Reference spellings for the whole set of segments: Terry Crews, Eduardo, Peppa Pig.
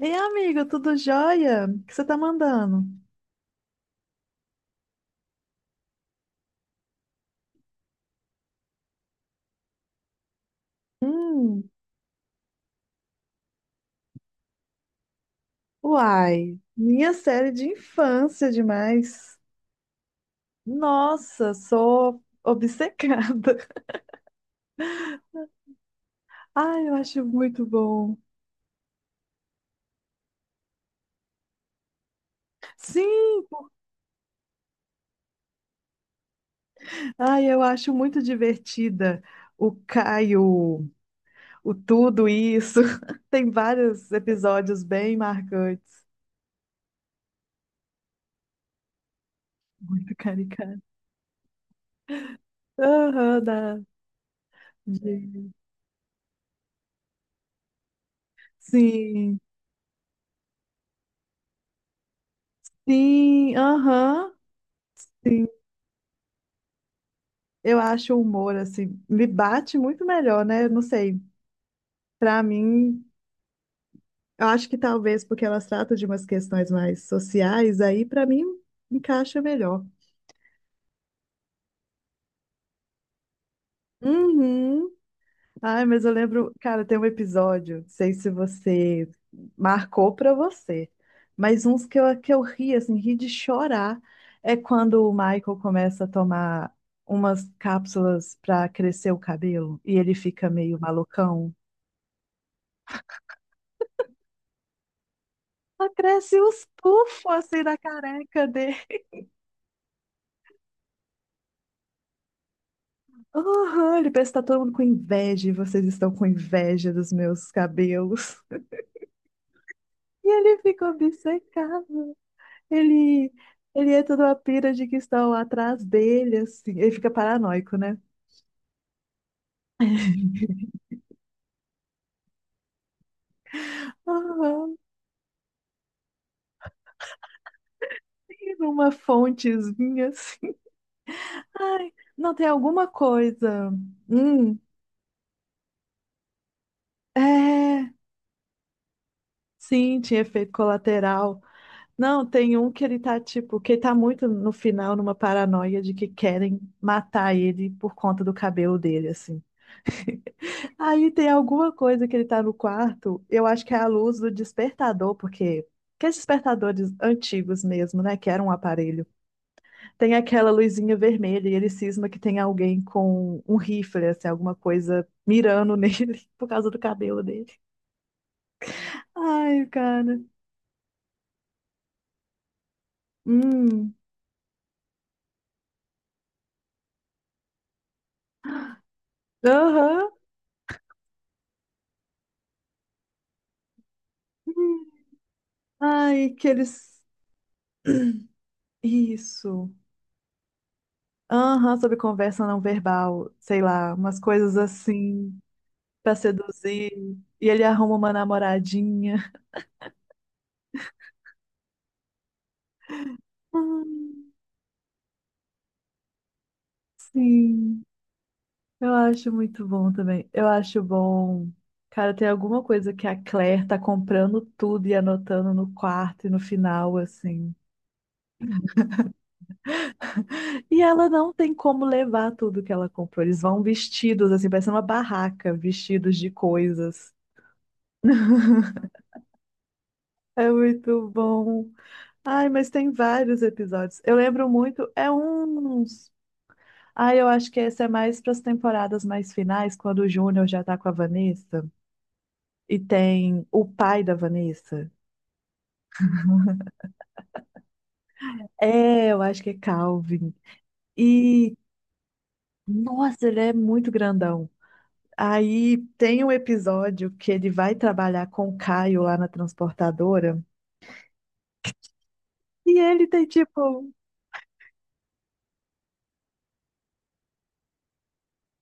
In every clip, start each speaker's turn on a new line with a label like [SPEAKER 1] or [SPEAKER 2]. [SPEAKER 1] Ei, amigo, tudo jóia? O que você tá mandando? Hum, uai, minha série de infância demais. Nossa, sou obcecada. Ai, eu acho muito bom. Sim, ai, eu acho muito divertida. O Caio, o tudo isso. Tem vários episódios bem marcantes. Muito caricato. Aham, de- Sim, sim, aham. Eu acho o humor, assim, me bate muito melhor, né? Eu não sei. Pra mim, eu acho que talvez porque elas tratam de umas questões mais sociais, aí pra mim encaixa melhor. Uhum. Ai, mas eu lembro, cara, tem um episódio, não sei se você marcou pra você, mas uns que eu ri, assim, ri de chorar, é quando o Michael começa a tomar umas cápsulas pra crescer o cabelo e ele fica meio malucão. Só cresce os pufos assim da careca dele. Aham, ele pensa que tá todo mundo com inveja e vocês estão com inveja dos meus cabelos. E ele fica obcecado. Ele, ele entra numa pira de que estão atrás dele, assim. Ele fica paranoico, né? Aham, e numa fontezinha assim. Ai, não, tem alguma coisa. Hum, é. Sim, tinha efeito colateral. Não, tem um que ele tá tipo, que ele tá muito no final numa paranoia de que querem matar ele por conta do cabelo dele, assim. Aí tem alguma coisa que ele tá no quarto, eu acho que é a luz do despertador, porque aqueles despertadores antigos mesmo, né, que era um aparelho. Tem aquela luzinha vermelha e ele cisma que tem alguém com um rifle, assim, alguma coisa mirando nele por causa do cabelo dele. Ai, cara. Hum. Aham. Hum. Ai, que eles isso. Aham, sobre conversa não verbal, sei lá, umas coisas assim pra seduzir. E ele arruma uma namoradinha. Ai, sim, eu acho muito bom também. Eu acho bom. Cara, tem alguma coisa que a Claire tá comprando tudo e anotando no quarto e no final, assim. E ela não tem como levar tudo que ela comprou. Eles vão vestidos, assim, parecendo uma barraca, vestidos de coisas. É muito bom. Ai, mas tem vários episódios. Eu lembro muito, é uns. Ai, eu acho que esse é mais para as temporadas mais finais, quando o Júnior já tá com a Vanessa e tem o pai da Vanessa. É, eu acho que é Calvin. E, nossa, ele é muito grandão. Aí tem um episódio que ele vai trabalhar com o Caio lá na transportadora e ele tem tipo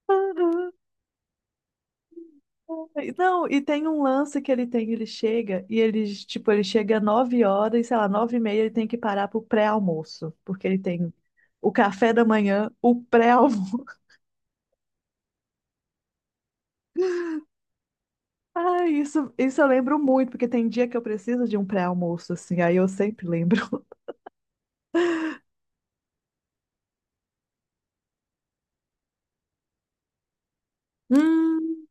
[SPEAKER 1] Não, e tem um lance que ele tem, ele chega e ele, tipo, ele chega 9 horas, sei lá, 9h30, ele tem que parar pro pré-almoço, porque ele tem o café da manhã, o pré-almoço. Ah, isso eu lembro muito, porque tem dia que eu preciso de um pré-almoço, assim, aí eu sempre lembro. Hum,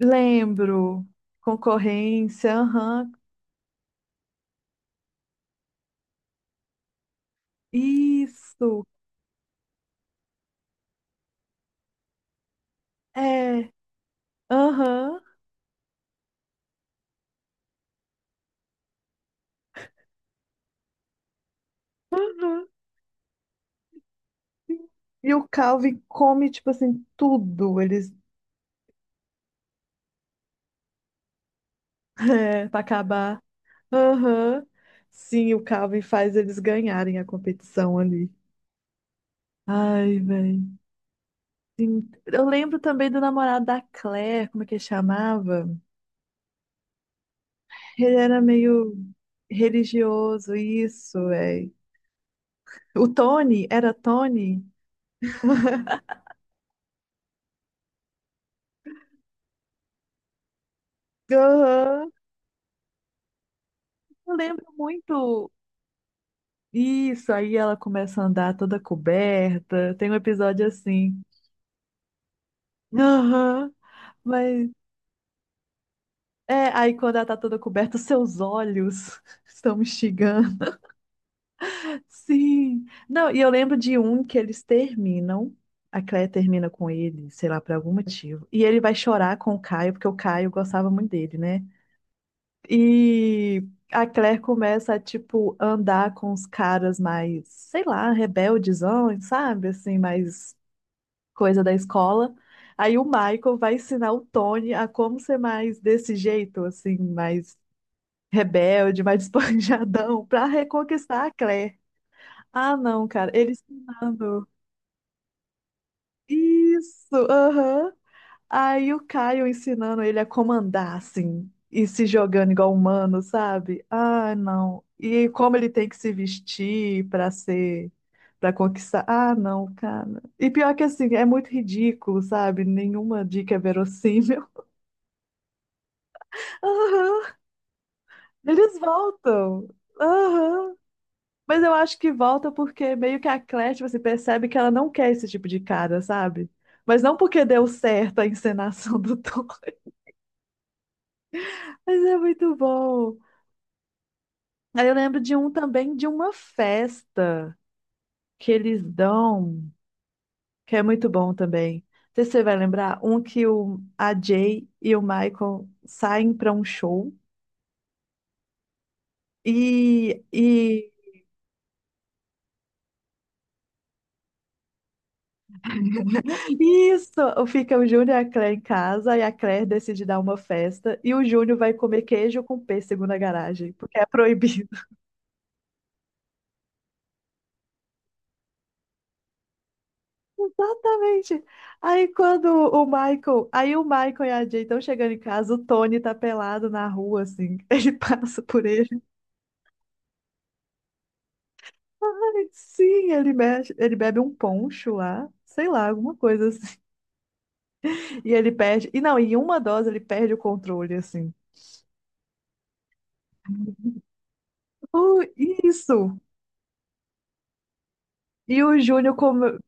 [SPEAKER 1] lembro. Concorrência, aham. Isso, é, aham. Aham. E o Calvin come, tipo assim, tudo. Ele é, para acabar. Aham. Sim, o Calvin faz eles ganharem a competição ali. Ai, velho. Eu lembro também do namorado da Claire, como é que ele chamava? Ele era meio religioso, isso, velho. O Tony, era Tony? Aham. Eu lembro muito. Isso, aí ela começa a andar toda coberta. Tem um episódio assim. Aham. Mas é, aí quando ela tá toda coberta, os seus olhos estão me xingando. Sim. Não, e eu lembro de um que eles terminam. A Cleia termina com ele, sei lá, por algum motivo. E ele vai chorar com o Caio, porque o Caio gostava muito dele, né? E a Claire começa a, tipo, andar com os caras mais, sei lá, rebeldezão, sabe? Assim, mais coisa da escola. Aí o Michael vai ensinar o Tony a como ser mais desse jeito, assim, mais rebelde, mais esponjadão, pra reconquistar a Claire. Ah, não, cara, ele ensinando. Isso, aham. Aí o Caio ensinando ele a comandar, assim, e se jogando igual humano, sabe? Ah, não. E como ele tem que se vestir pra ser, pra conquistar. Ah, não, cara. E pior que assim, é muito ridículo, sabe? Nenhuma dica é verossímil. Aham. Eles voltam. Aham. Mas eu acho que volta porque meio que a Claire, você percebe que ela não quer esse tipo de cara, sabe? Mas não porque deu certo a encenação do Thor. Mas é muito bom. Aí eu lembro de um também, de uma festa que eles dão, que é muito bom também. Não sei se você vai lembrar, um que o, a Jay e o Michael saem para um show. E, e Isso! Fica o Júnior e a Claire em casa, e a Claire decide dar uma festa, e o Júnior vai comer queijo com pêssego na garagem, porque é proibido. Exatamente! Aí quando o Michael, aí o Michael e a Jay estão chegando em casa, o Tony tá pelado na rua, assim, ele passa por ele. Ai, sim, ele mexe, ele bebe um poncho lá, sei lá, alguma coisa assim. E ele perde, e não, em uma dose ele perde o controle, assim. Oh, isso! E o Júnior come-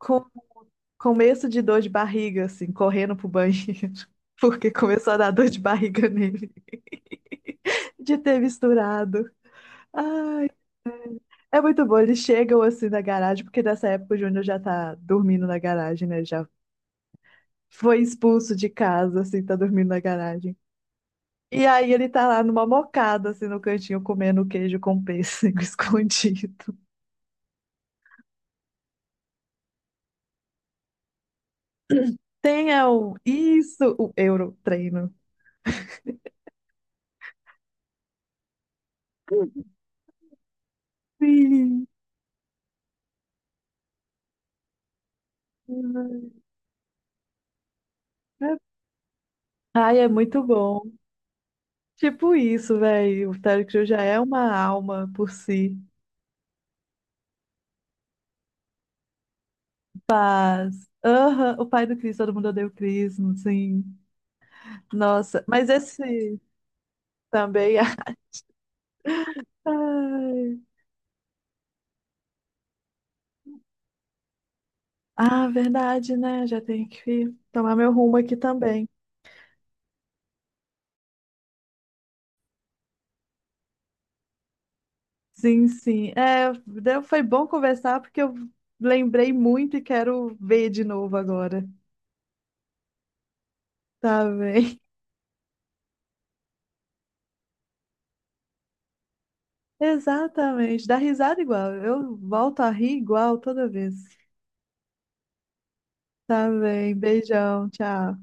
[SPEAKER 1] Começo de dor de barriga, assim, correndo pro banheiro, porque começou a dar dor de barriga nele, de ter misturado. É muito bom, eles chegam assim na garagem, porque nessa época o Júnior já tá dormindo na garagem, né? Ele já foi expulso de casa, assim, tá dormindo na garagem. E aí ele tá lá numa mocada, assim, no cantinho, comendo queijo com pêssego escondido. Tem é, o... Isso, o Euro treino. Sim. Ai, é muito bom. Tipo isso, velho. O Terry Crews já é uma alma por si. Mas, aham, o pai do Chris, todo mundo odeia o Chris, sim. Nossa, mas esse também. Ai. Ah, verdade, né? Já tenho que tomar meu rumo aqui também. Sim, sim. É, deu- foi bom conversar porque eu lembrei muito e quero ver de novo agora. Tá bem. Exatamente. Dá risada igual. Eu volto a rir igual toda vez. Tá bem. Beijão. Tchau.